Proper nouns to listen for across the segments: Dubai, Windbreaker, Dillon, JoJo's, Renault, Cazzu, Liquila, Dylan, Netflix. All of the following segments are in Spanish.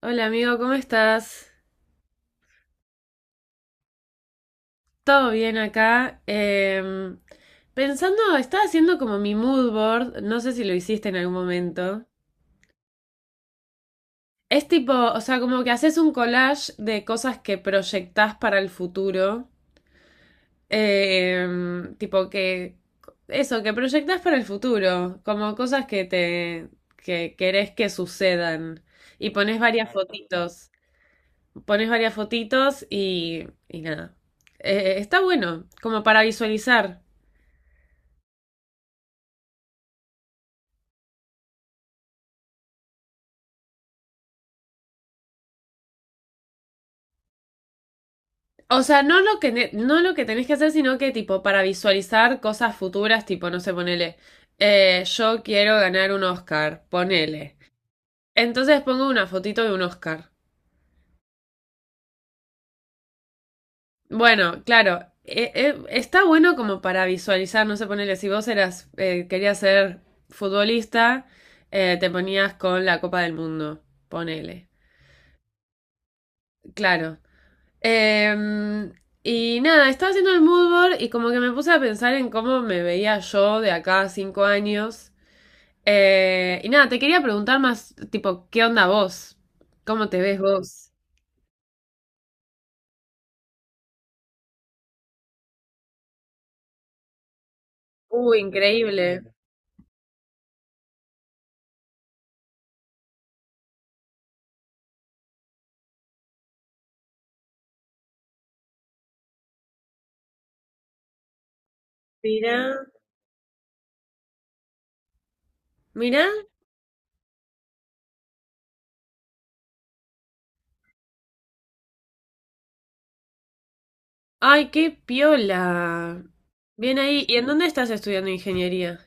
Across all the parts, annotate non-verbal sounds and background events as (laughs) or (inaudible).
Hola amigo, ¿cómo estás? ¿Todo bien acá? Pensando, estaba haciendo como mi mood board, no sé si lo hiciste en algún momento. Es tipo, o sea, como que haces un collage de cosas que proyectás para el futuro. Em, tipo que, eso, que proyectás para el futuro, como cosas que te, que querés que sucedan. Y pones varias fotitos. Pones varias fotitos y nada. Está bueno, como para visualizar. O sea, no lo que tenés que hacer, sino que tipo para visualizar cosas futuras, tipo, no sé, ponele. Yo quiero ganar un Oscar, ponele. Entonces pongo una fotito de un Oscar. Bueno, claro, está bueno como para visualizar, no sé, ponele, si vos eras, querías ser futbolista, te ponías con la Copa del Mundo, ponele. Claro. Em, y nada, estaba haciendo el mood board y como que me puse a pensar en cómo me veía yo de acá a 5 años. Y nada, te quería preguntar más, tipo, ¿qué onda vos? ¿Cómo te ves vos? Increíble. Mirá. Mirá. Ay, qué piola. Bien ahí. ¿Y en dónde estás estudiando ingeniería?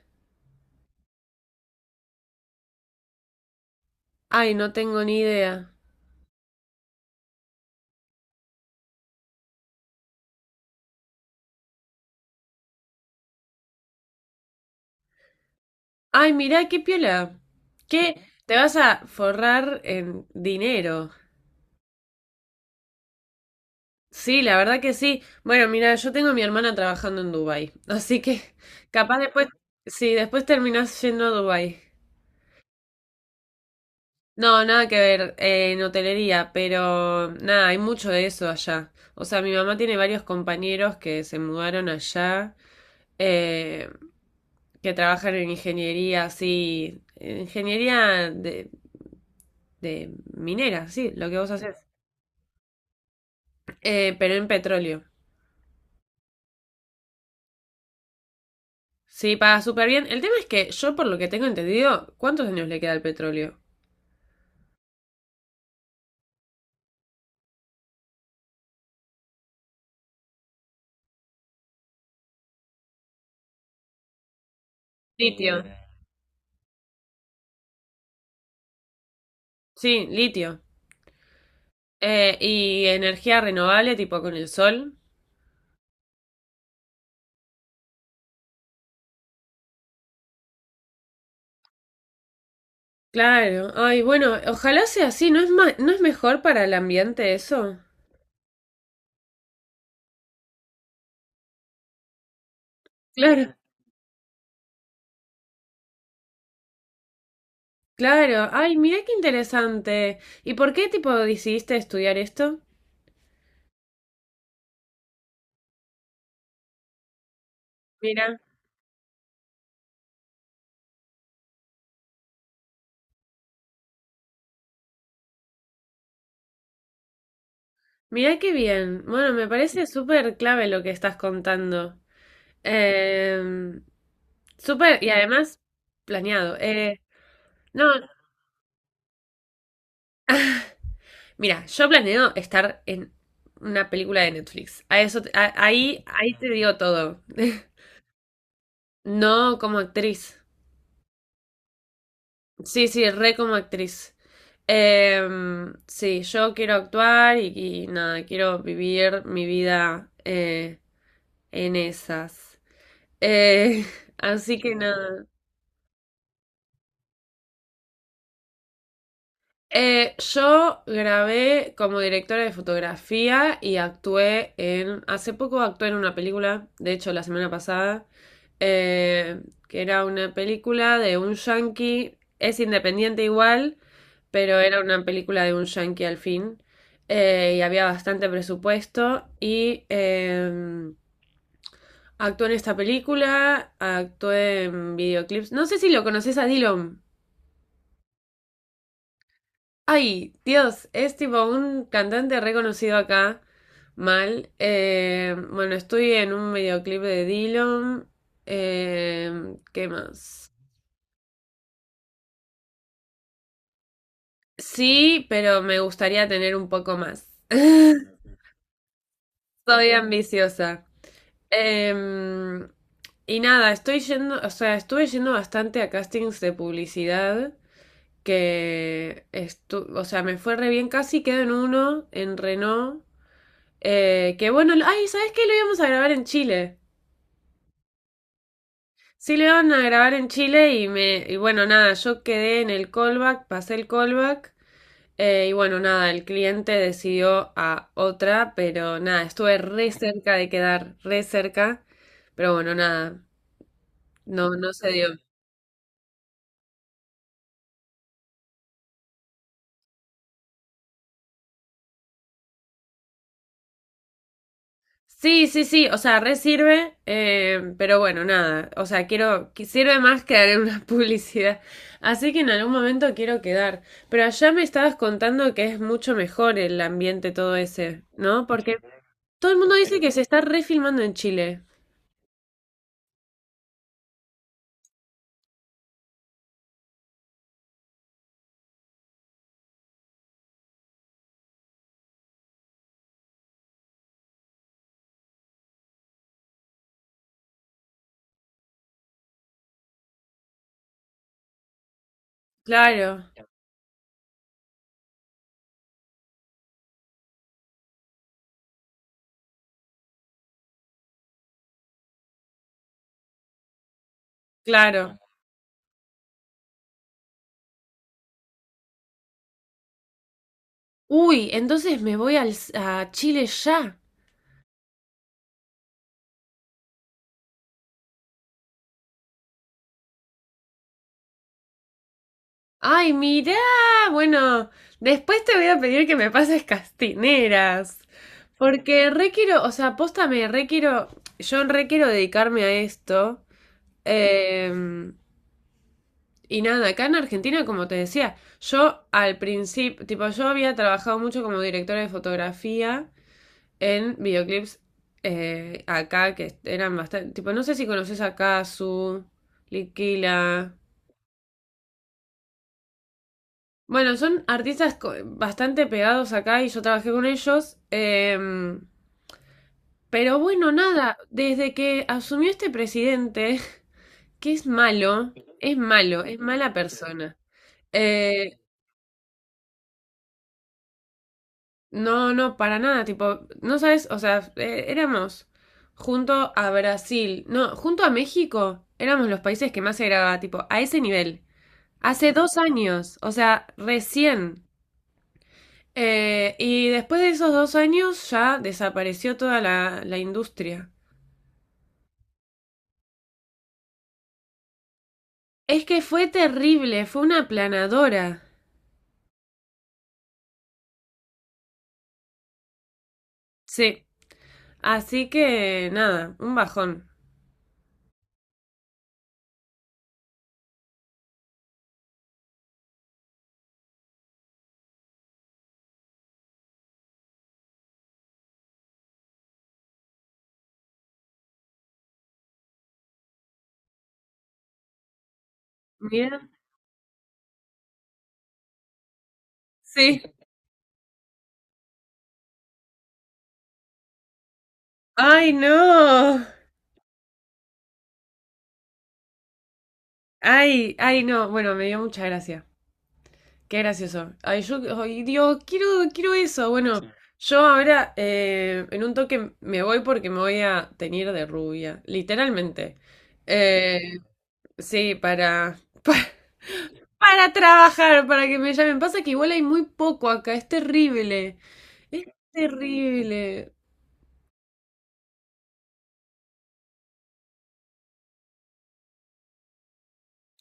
Ay, no tengo ni idea. Ay, mirá, qué piola. ¿Qué? Te vas a forrar en dinero. Sí, la verdad que sí. Bueno, mira, yo tengo a mi hermana trabajando en Dubai, así que capaz después, sí, después terminás yendo a Dubai. No, nada que ver, en hotelería, pero nada, hay mucho de eso allá. O sea, mi mamá tiene varios compañeros que se mudaron allá, eh, que trabajan en ingeniería, así, en ingeniería de minera, sí, lo que vos haces, pero en petróleo. Sí, paga súper bien. El tema es que yo, por lo que tengo entendido, ¿cuántos años le queda al petróleo? Litio. Sí, litio. Y energía renovable, tipo con el sol. Claro. Ay, bueno, ojalá sea así. ¿No es mejor para el ambiente eso? Claro. Claro. Ay, mira qué interesante. ¿Y por qué, tipo, decidiste estudiar esto? Mira. Mira qué bien. Bueno, me parece súper clave lo que estás contando. Eh, Súper, y además, planeado. No, mira, yo planeo estar en una película de Netflix. A eso, ahí, ahí te digo todo. (laughs) No como actriz. Sí, sí, re como actriz. Sí, yo quiero actuar y nada, quiero vivir mi vida en esas. Eh, (laughs) Así que nada. Yo grabé como directora de fotografía y actué en... Hace poco actué en una película, de hecho la semana pasada, eh, que era una película de un yankee, es independiente igual, pero era una película de un yankee al fin, y había bastante presupuesto y actué en esta película, actué en videoclips. No sé si lo conoces a Dylan. Ay, Dios, es tipo un cantante reconocido acá, mal. Bueno, estoy en un videoclip de Dillon. ¿Qué más? Sí, pero me gustaría tener un poco más. (laughs) Soy ambiciosa. Em, y nada, estoy yendo, o sea, estuve yendo bastante a castings de publicidad, o sea, me fue re bien, casi quedo en uno, en Renault. Que bueno, lo- ay, ¿sabes qué? Lo íbamos a grabar en Chile. Sí, lo iban a grabar en Chile y me, y bueno, nada, yo quedé en el callback, pasé el callback, y bueno, nada, el cliente decidió a otra, pero nada, estuve re cerca de quedar, re cerca, pero bueno, nada, no, no se dio. Sí, sí, sí, o sea, re sirve, pero bueno, nada, o sea, quiero, que sirve más que dar una (laughs) publicidad, así que en algún momento quiero quedar, pero allá me estabas contando que es mucho mejor el ambiente todo ese, ¿no? Porque todo el mundo dice que se está refilmando en Chile. Claro, claro. Uy, entonces me voy al, a Chile ya. Ay, mirá, bueno, después te voy a pedir que me pases castineras, porque re quiero, o sea, posta me re quiero, yo re quiero dedicarme a esto. em, y nada, acá en Argentina, como te decía, yo al principio, tipo, yo había trabajado mucho como directora de fotografía en videoclips acá, que eran bastante, tipo, no sé si conoces a Cazzu, Liquila. Bueno, son artistas bastante pegados acá y yo trabajé con ellos. Pero bueno, nada, desde que asumió este presidente, (laughs) que es malo, es malo, es mala persona. eh, no, no, para nada, tipo, no sabes, o sea, éramos junto a Brasil, no, junto a México, éramos los países que más se grababa, tipo, a ese nivel. Hace 2 años, o sea, recién. Y después de esos 2 años ya desapareció toda la, la industria. Es que fue terrible, fue una aplanadora. Sí. Así que nada, un bajón. Mira. Sí. Ay, no. Ay, ay, no. Bueno, me dio mucha gracia. Qué gracioso. Ay, yo ay, digo, quiero, quiero eso. Bueno, sí. Yo ahora, en un toque me voy porque me voy a teñir de rubia. Literalmente. Eh, sí, para. (laughs) Para trabajar, para que me llamen. Pasa que igual hay muy poco acá, es terrible. Es terrible.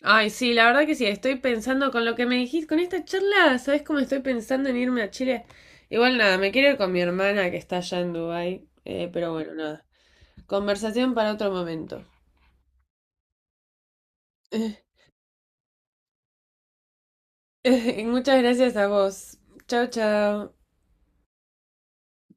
Ay, sí, la verdad que sí, estoy pensando con lo que me dijiste, con esta charla, ¿sabes cómo estoy pensando en irme a Chile? Igual nada, me quiero ir con mi hermana que está allá en Dubái, pero bueno, nada. Conversación para otro momento. (laughs) Muchas gracias a vos. Chao, chao.